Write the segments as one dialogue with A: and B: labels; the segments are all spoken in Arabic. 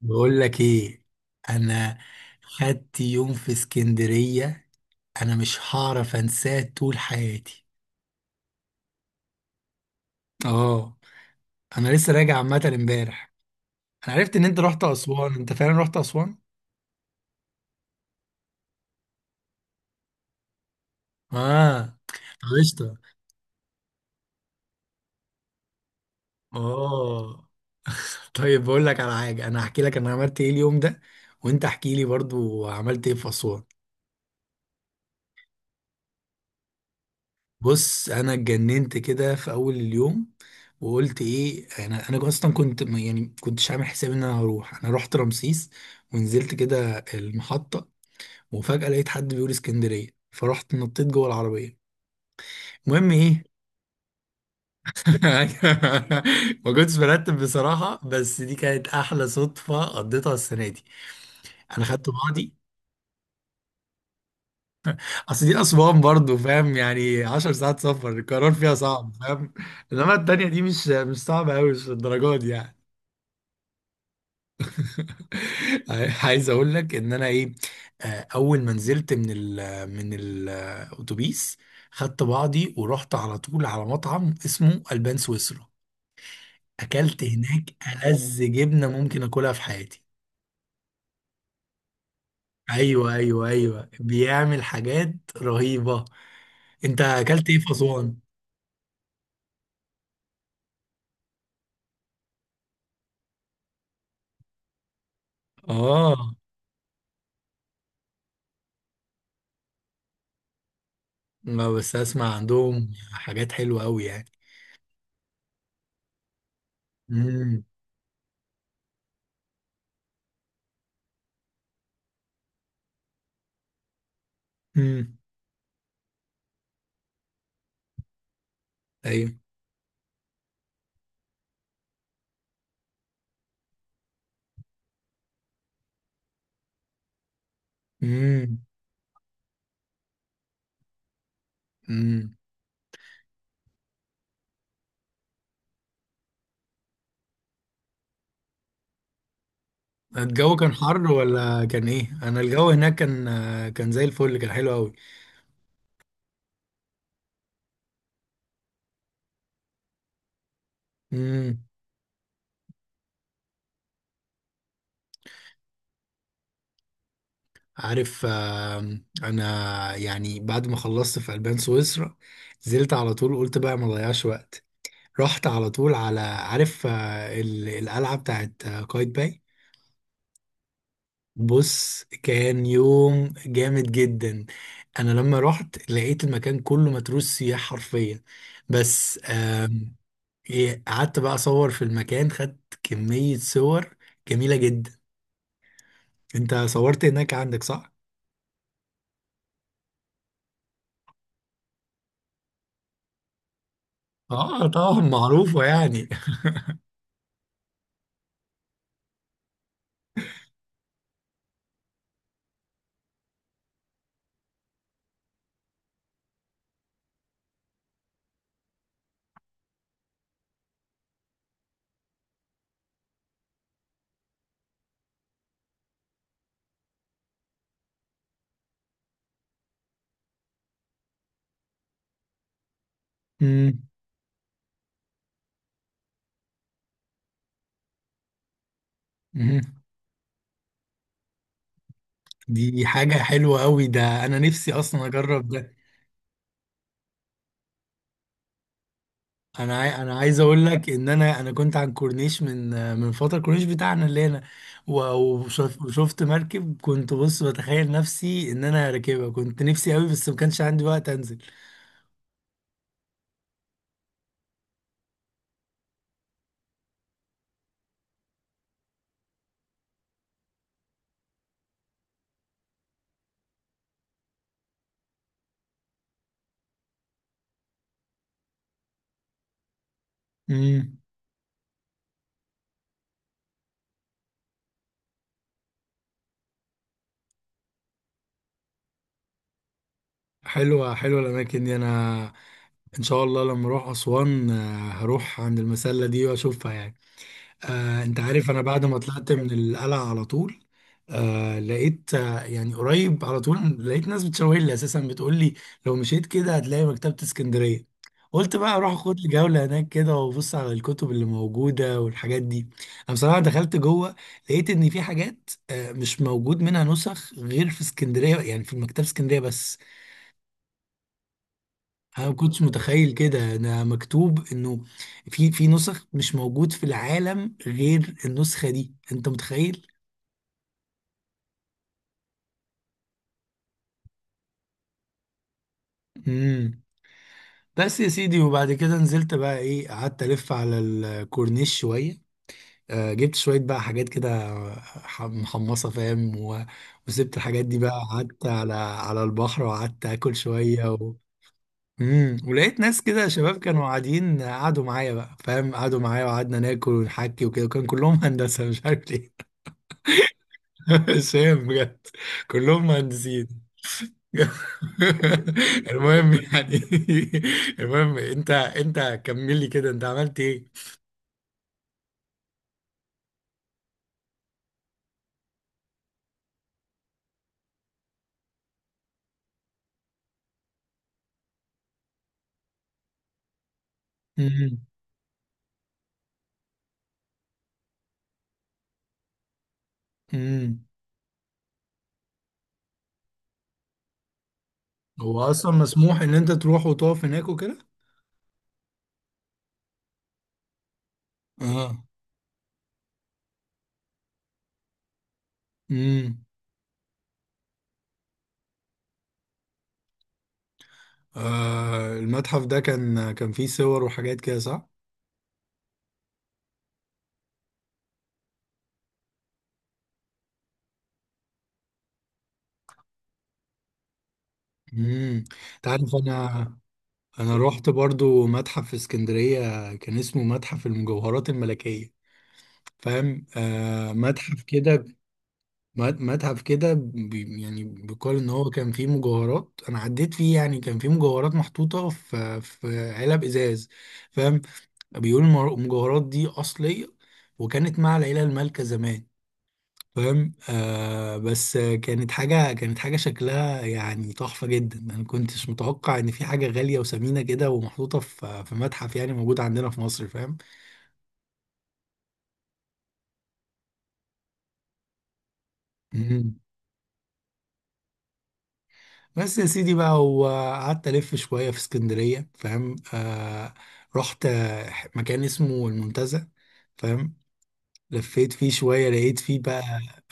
A: بقول لك ايه. انا خدت يوم في اسكندرية، انا مش هعرف انساه طول حياتي. اه، انا لسه راجع عامة امبارح. انا عرفت ان انت رحت اسوان، انت فعلا رحت اسوان؟ اه. طب قشطة. اه. طيب بقول لك على حاجة، انا هحكي لك انا عملت ايه اليوم ده، وانت احكي لي برضو عملت ايه في اسوان. بص انا اتجننت كده في اول اليوم وقلت ايه، انا اصلا كنت كنتش عامل حساب ان انا هروح. انا رحت رمسيس ونزلت كده المحطه، وفجاه لقيت حد بيقول اسكندريه، فرحت نطيت جوه العربيه. المهم ايه. ما كنتش برتب بصراحه، بس دي كانت احلى صدفه قضيتها السنه دي. انا خدت بعضي. اصل دي اسوان برضو فاهم يعني 10 ساعات سفر، القرار فيها صعب فاهم. انما التانيه دي مش صعبه قوي، مش للدرجه دي يعني. عايز اقول لك ان انا ايه. اول ما نزلت من من الاتوبيس، خدت بعضي ورحت على طول على مطعم اسمه البان سويسرا. اكلت هناك ألذ جبنه ممكن اكلها في حياتي. ايوه ايوه ايوه، بيعمل حاجات رهيبه. انت اكلت ايه في اسوان؟ اه. ما بس اسمع عندهم حاجات حلوه قوي يعني. امم. امم. ايوه. امم. الجو كان حر ولا كان ايه؟ انا الجو هناك كان زي الفل، كان حلو قوي. امم. عارف. انا يعني بعد ما خلصت في البان سويسرا نزلت على طول، قلت بقى ما اضيعش وقت. رحت على طول على عارف القلعه بتاعت قايتباي باي. بص كان يوم جامد جدا. انا لما رحت لقيت المكان كله متروس سياح حرفيا. بس قعدت بقى اصور في المكان، خدت كمية صور جميلة جدا. انت صورت هناك عندك صح؟ اه طبعا معروفة يعني. مم، مم. دي حاجة حلوة قوي، ده انا نفسي اصلا اجرب ده. انا عايز اقول لك ان انا كنت عن كورنيش من فترة الكورنيش بتاعنا اللي هنا. و- وشفت مركب، كنت بص بتخيل نفسي ان انا راكبها، كنت نفسي قوي بس ما كانش عندي وقت انزل. امم. حلوة حلوة الأماكن دي. أنا ان شاء الله لما اروح اسوان، هروح عند المسله دي واشوفها يعني. آه انت عارف، انا بعد ما طلعت من القلعه على طول آه لقيت آه يعني قريب على طول لقيت ناس بتشاور لي اساسا، بتقول لي لو مشيت كده هتلاقي مكتبه اسكندريه. قلت بقى اروح اخد لي جوله هناك كده وابص على الكتب اللي موجوده والحاجات دي. انا بصراحه دخلت جوه، لقيت ان في حاجات آه مش موجود منها نسخ غير في اسكندريه، يعني في مكتبه اسكندريه بس. انا ما كنتش متخيل كده، ده مكتوب انه في نسخ مش موجود في العالم غير النسخة دي، انت متخيل. امم. بس يا سيدي وبعد كده نزلت بقى ايه، قعدت الف على الكورنيش شوية. آه جبت شوية بقى حاجات كده، محمصة فاهم، و... وسبت الحاجات دي بقى، قعدت على البحر وقعدت اكل شوية. و... امم، ولقيت ناس كده شباب كانوا قاعدين، قعدوا معايا بقى فاهم، قعدوا معايا وقعدنا ناكل ونحكي وكده، وكان كلهم هندسة مش عارف ليه. سام بجد، كلهم مهندسين. المهم يعني. المهم انت كمل لي كده، انت عملت ايه. امم. امم. هو اصلا مسموح ان انت تروح وتقف هناك وكده؟ اه. امم. آه المتحف ده كان كان فيه صور وحاجات كده صح؟ امم. انت عارف، انا انا رحت برضو متحف في اسكندرية كان اسمه متحف المجوهرات الملكية فاهم، آه متحف كده، متحف كده يعني بيقال ان هو كان فيه مجوهرات. انا عديت فيه يعني كان فيه مجوهرات محطوطه في علب ازاز فاهم. بيقولوا المجوهرات دي اصليه، وكانت مع العيله المالكه زمان فاهم. آه بس كانت حاجه، كانت حاجه شكلها يعني تحفه جدا. انا كنتش متوقع ان في حاجه غاليه وثمينه كده ومحطوطه في متحف يعني موجود عندنا في مصر فاهم. بس يا سيدي بقى، وقعدت ألف شوية في اسكندرية فاهم آه. رحت مكان اسمه المنتزه فاهم. لفيت فيه شوية، لقيت فيه بقى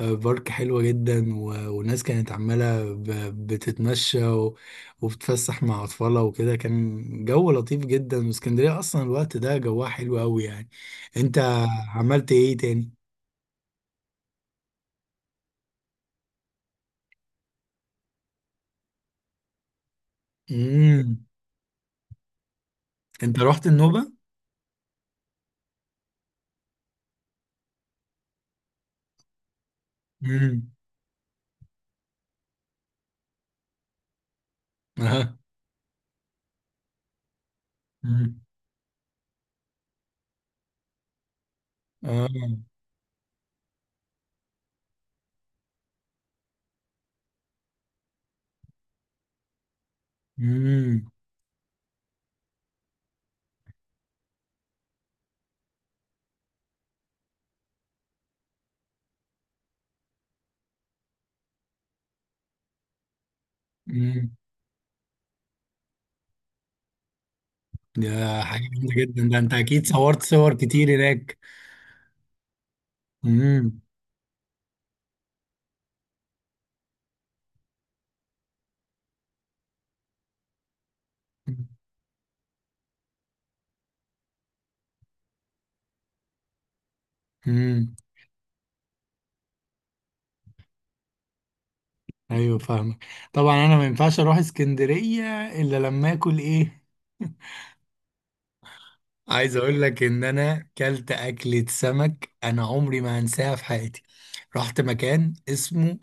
A: بارك حلوة جدا، والناس كانت عمالة بتتمشى و- وبتفسح مع أطفالها وكده. كان جو لطيف جدا، واسكندرية أصلا الوقت ده جوها حلو أوي يعني. أنت عملت إيه تاني؟ مم. أنت رحت النوبة؟ مم. أها. مم. آه. مم. مم. ده حاجة جامدة جدا، ده انت اكيد صورت صور كتير هناك. امم. امم. ايوه فاهمك. طبعا انا ما ينفعش اروح اسكندرية الا لما اكل ايه. عايز اقول لك ان انا كلت اكلة سمك انا عمري ما هنساها في حياتي. رحت مكان اسمه،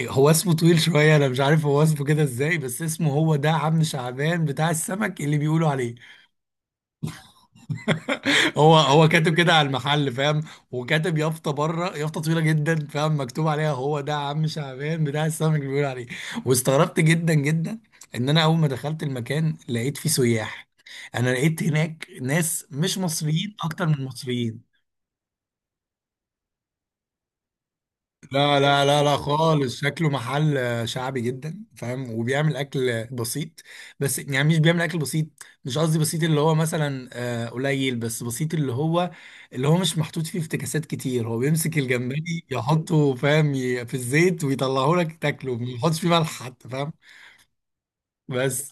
A: هو اسمه طويل شوية انا مش عارف هو اسمه كده ازاي، بس اسمه هو ده عم شعبان بتاع السمك اللي بيقولوا عليه. هو كاتب كده على المحل فاهم، وكاتب يافطه بره يافطه طويله جدا فاهم مكتوب عليها هو ده عم شعبان بتاع السمك اللي بيقول عليه. واستغربت جدا جدا، ان انا اول ما دخلت المكان لقيت فيه سياح. انا لقيت هناك ناس مش مصريين اكتر من مصريين. لا لا لا لا خالص، شكله محل شعبي جدا فاهم، وبيعمل اكل بسيط. بس يعني مش بيعمل اكل بسيط، مش قصدي بسيط اللي هو مثلا قليل، بس بسيط اللي هو اللي هو مش محطوط فيه افتكاسات كتير. هو بيمسك الجمبري يحطه فاهم في الزيت ويطلعه لك تاكله، ما يحطش فيه ملح حتى فاهم. بس.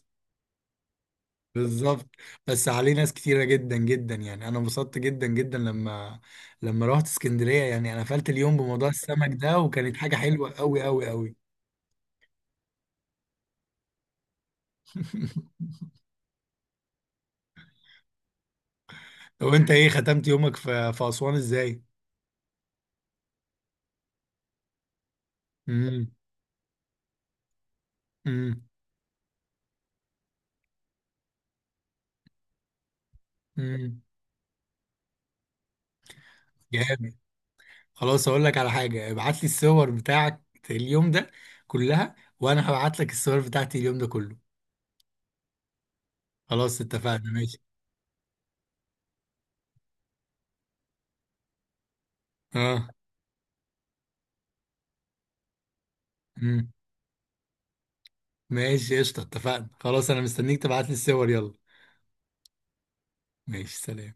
A: بالظبط. بس عليه ناس كتيرة جدا جدا، يعني انا انبسطت جدا جدا لما رحت اسكندرية. يعني انا قفلت اليوم بموضوع السمك ده وكانت حاجة حلوة قوي قوي قوي. طب انت ايه ختمت يومك في اسوان ازاي؟ امم. امم. امم. جامد. خلاص اقول لك على حاجه، ابعت لي الصور بتاعك اليوم ده كلها، وانا هبعت لك الصور بتاعتي اليوم ده كله. خلاص اتفقنا ماشي. اه. امم. ماشي قشطه اتفقنا خلاص، انا مستنيك تبعت لي الصور يلا. ماشي سلام.